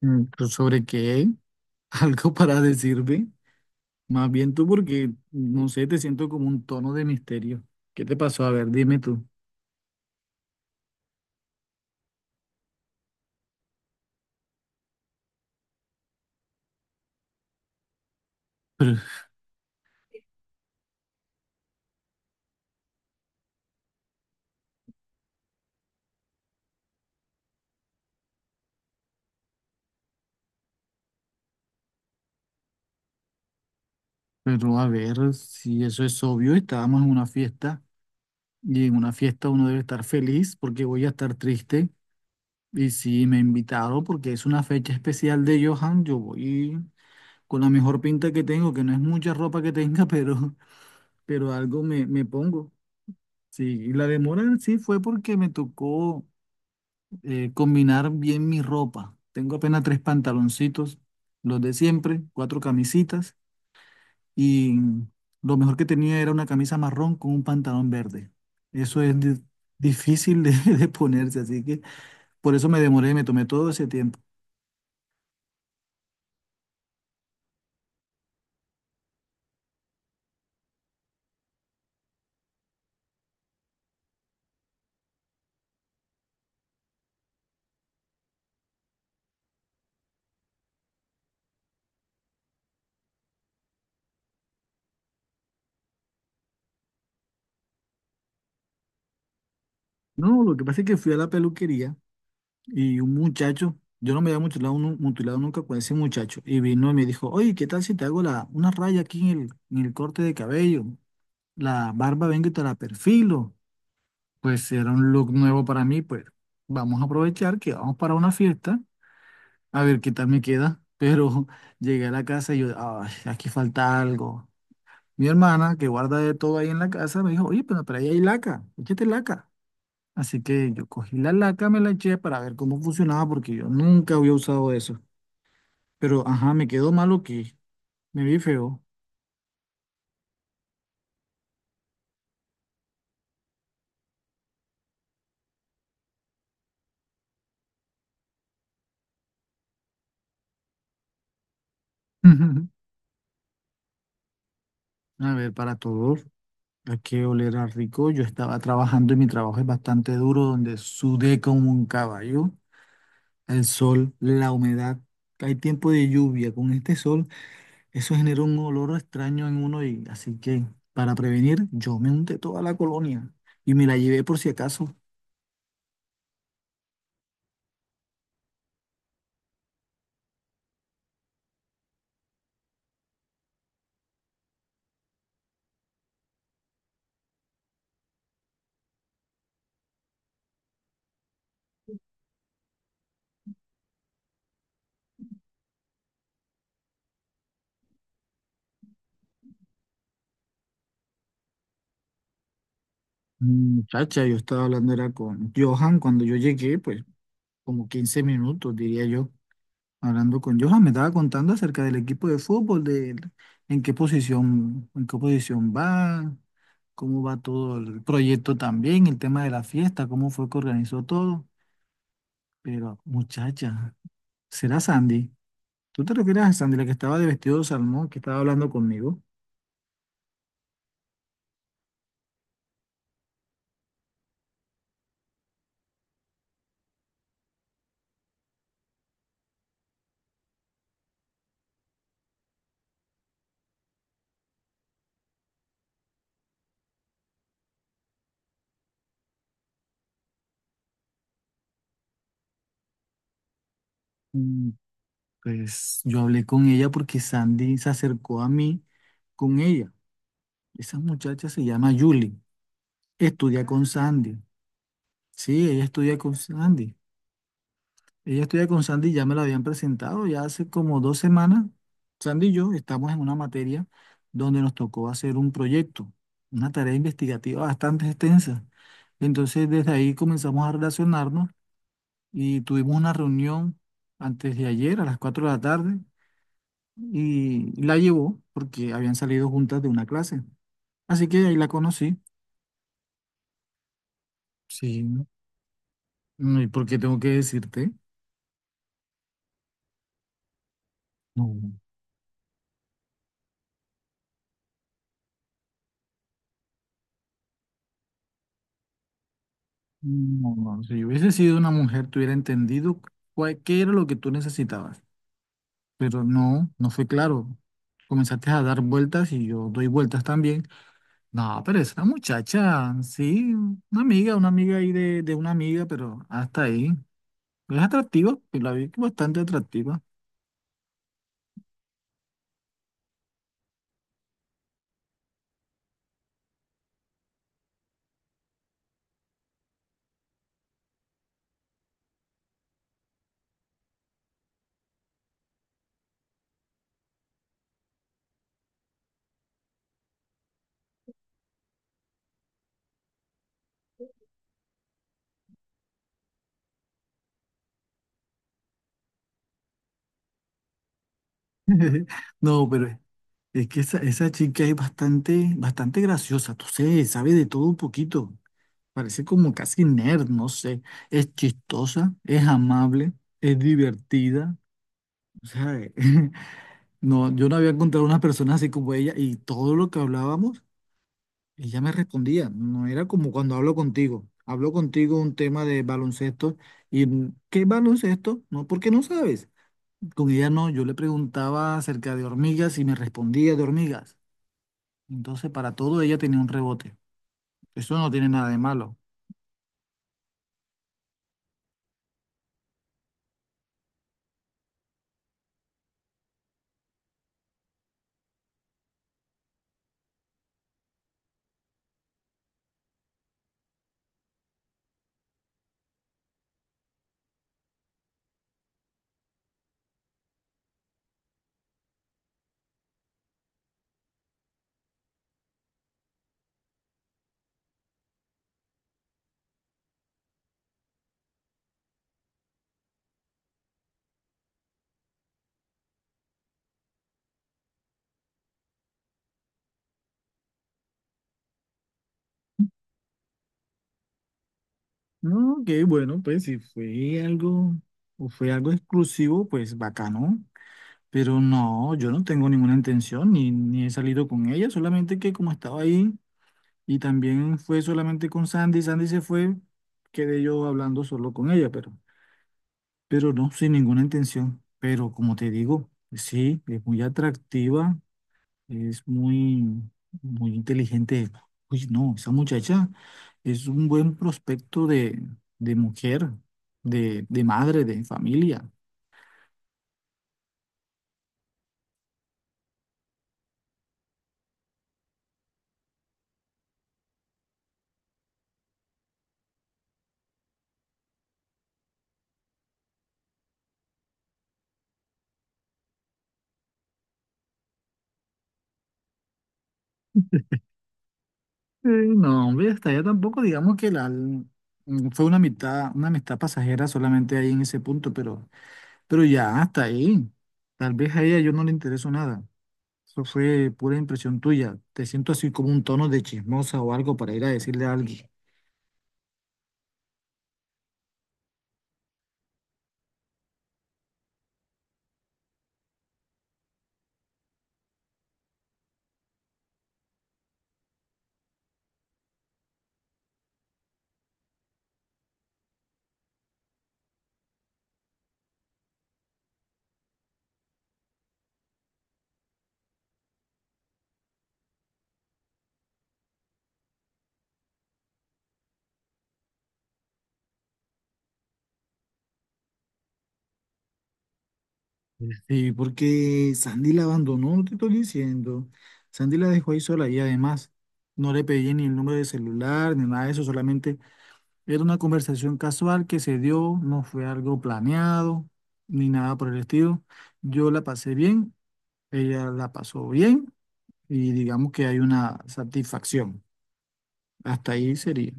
Mm, pues, ¿sobre qué? ¿Algo para decirme? Más bien tú, porque no sé, te siento como un tono de misterio. ¿Qué te pasó? A ver, dime tú. Pero, pero a ver, si eso es obvio, estábamos en una fiesta y en una fiesta uno debe estar feliz porque voy a estar triste. Y si me invitaron porque es una fecha especial de Johan, yo voy con la mejor pinta que tengo, que no es mucha ropa que tenga, pero algo me pongo. Sí, y la demora en sí fue porque me tocó combinar bien mi ropa. Tengo apenas tres pantaloncitos, los de siempre, cuatro camisitas y lo mejor que tenía era una camisa marrón con un pantalón verde. Eso es difícil de, de ponerse, así que por eso me demoré, me tomé todo ese tiempo. No, lo que pasa es que fui a la peluquería y un muchacho, yo no me había mutilado, mutilado nunca con ese muchacho, y vino y me dijo, oye, ¿qué tal si te hago una raya aquí en en el corte de cabello? La barba vengo y te la perfilo. Pues si era un look nuevo para mí, pues vamos a aprovechar que vamos para una fiesta, a ver qué tal me queda. Pero llegué a la casa y yo, ay, aquí falta algo. Mi hermana, que guarda de todo ahí en la casa, me dijo, oye, pero ahí hay laca, échate laca. Así que yo cogí la laca, me la eché para ver cómo funcionaba, porque yo nunca había usado eso. Pero, ajá, me quedó malo que me vi feo. A ver, para todos, hay que oler a rico. Yo estaba trabajando y mi trabajo es bastante duro, donde sudé como un caballo al sol, la humedad. Hay tiempo de lluvia con este sol, eso genera un olor extraño en uno, y así que para prevenir yo me unté toda la colonia y me la llevé por si acaso. Muchacha, yo estaba hablando era con Johan cuando yo llegué, pues como 15 minutos diría yo, hablando con Johan, me estaba contando acerca del equipo de fútbol, de en qué posición va, cómo va todo el proyecto también, el tema de la fiesta, cómo fue que organizó todo. Pero muchacha, ¿será Sandy? ¿Tú te refieres a Sandy, la que estaba de vestido de salmón, que estaba hablando conmigo? Mm. Pues yo hablé con ella porque Sandy se acercó a mí con ella. Esa muchacha se llama Julie. Estudia con Sandy. Sí, ella estudia con Sandy. Ella estudia con Sandy, ya me la habían presentado ya hace como 2 semanas. Sandy y yo estamos en una materia donde nos tocó hacer un proyecto, una tarea investigativa bastante extensa. Entonces, desde ahí comenzamos a relacionarnos y tuvimos una reunión antes de ayer a las 4 de la tarde y la llevó porque habían salido juntas de una clase. Así que ahí la conocí. Sí, ¿y por qué tengo que decirte? No, no. Si yo hubiese sido una mujer, te hubiera entendido qué era lo que tú necesitabas. Pero no, no fue claro. Comenzaste a dar vueltas y yo doy vueltas también. No, pero es una muchacha, sí, una amiga ahí de una amiga, pero hasta ahí. Es atractiva, pues la vi bastante atractiva. No, pero es que esa chica es bastante graciosa, tú sé, sabe de todo un poquito. Parece como casi nerd, no sé. Es chistosa, es amable, es divertida. O sea, no, yo no había encontrado una persona así como ella, y todo lo que hablábamos, ella me respondía. No era como cuando hablo contigo. Hablo contigo un tema de baloncesto y mm, ¿qué baloncesto? No, porque no sabes. Con ella no, yo le preguntaba acerca de hormigas y me respondía de hormigas. Entonces, para todo ella tenía un rebote. Eso no tiene nada de malo. No, ok, bueno, pues si fue algo o fue algo exclusivo, pues bacano. Pero no, yo no tengo ninguna intención ni he salido con ella, solamente que como estaba ahí, y también fue solamente con Sandy, Sandy se fue, quedé yo hablando solo con ella, pero no, sin ninguna intención. Pero como te digo, sí, es muy atractiva. Es muy inteligente. Uy, no, esa muchacha es un buen prospecto de mujer, de madre, de familia. Eh, no, hombre, hasta allá tampoco, digamos que fue una amistad pasajera solamente ahí en ese punto, pero ya hasta ahí. Tal vez a ella yo no le intereso nada. Eso fue pura impresión tuya. Te siento así como un tono de chismosa o algo para ir a decirle a alguien. Sí, porque Sandy la abandonó, no te estoy diciendo. Sandy la dejó ahí sola y además no le pedí ni el número de celular ni nada de eso, solamente era una conversación casual que se dio, no fue algo planeado ni nada por el estilo. Yo la pasé bien, ella la pasó bien y digamos que hay una satisfacción. Hasta ahí sería.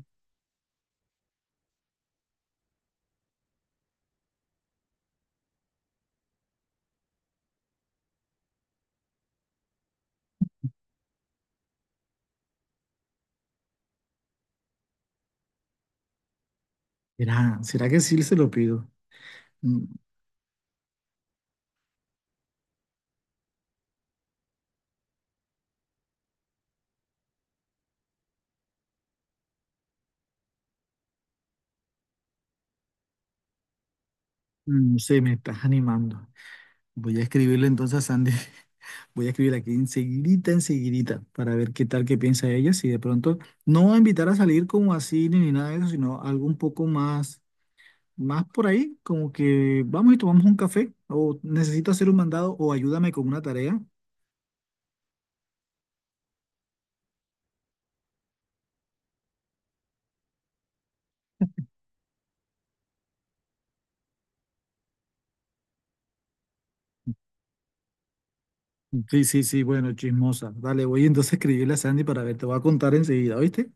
Será, ¿será que sí se lo pido? Mm. No sé, me estás animando. Voy a escribirle entonces a Sandy. Voy a escribirle aquí enseguidita, enseguidita, para ver qué tal, qué piensa ella. Si de pronto no a invitar a salir como así ni nada de eso, sino algo un poco más, más por ahí, como que vamos y tomamos un café, o necesito hacer un mandado, o ayúdame con una tarea. Sí, sí, sí, bueno, chismosa. Dale, voy entonces a escribirle a Sandy para ver, te voy a contar enseguida, ¿oíste?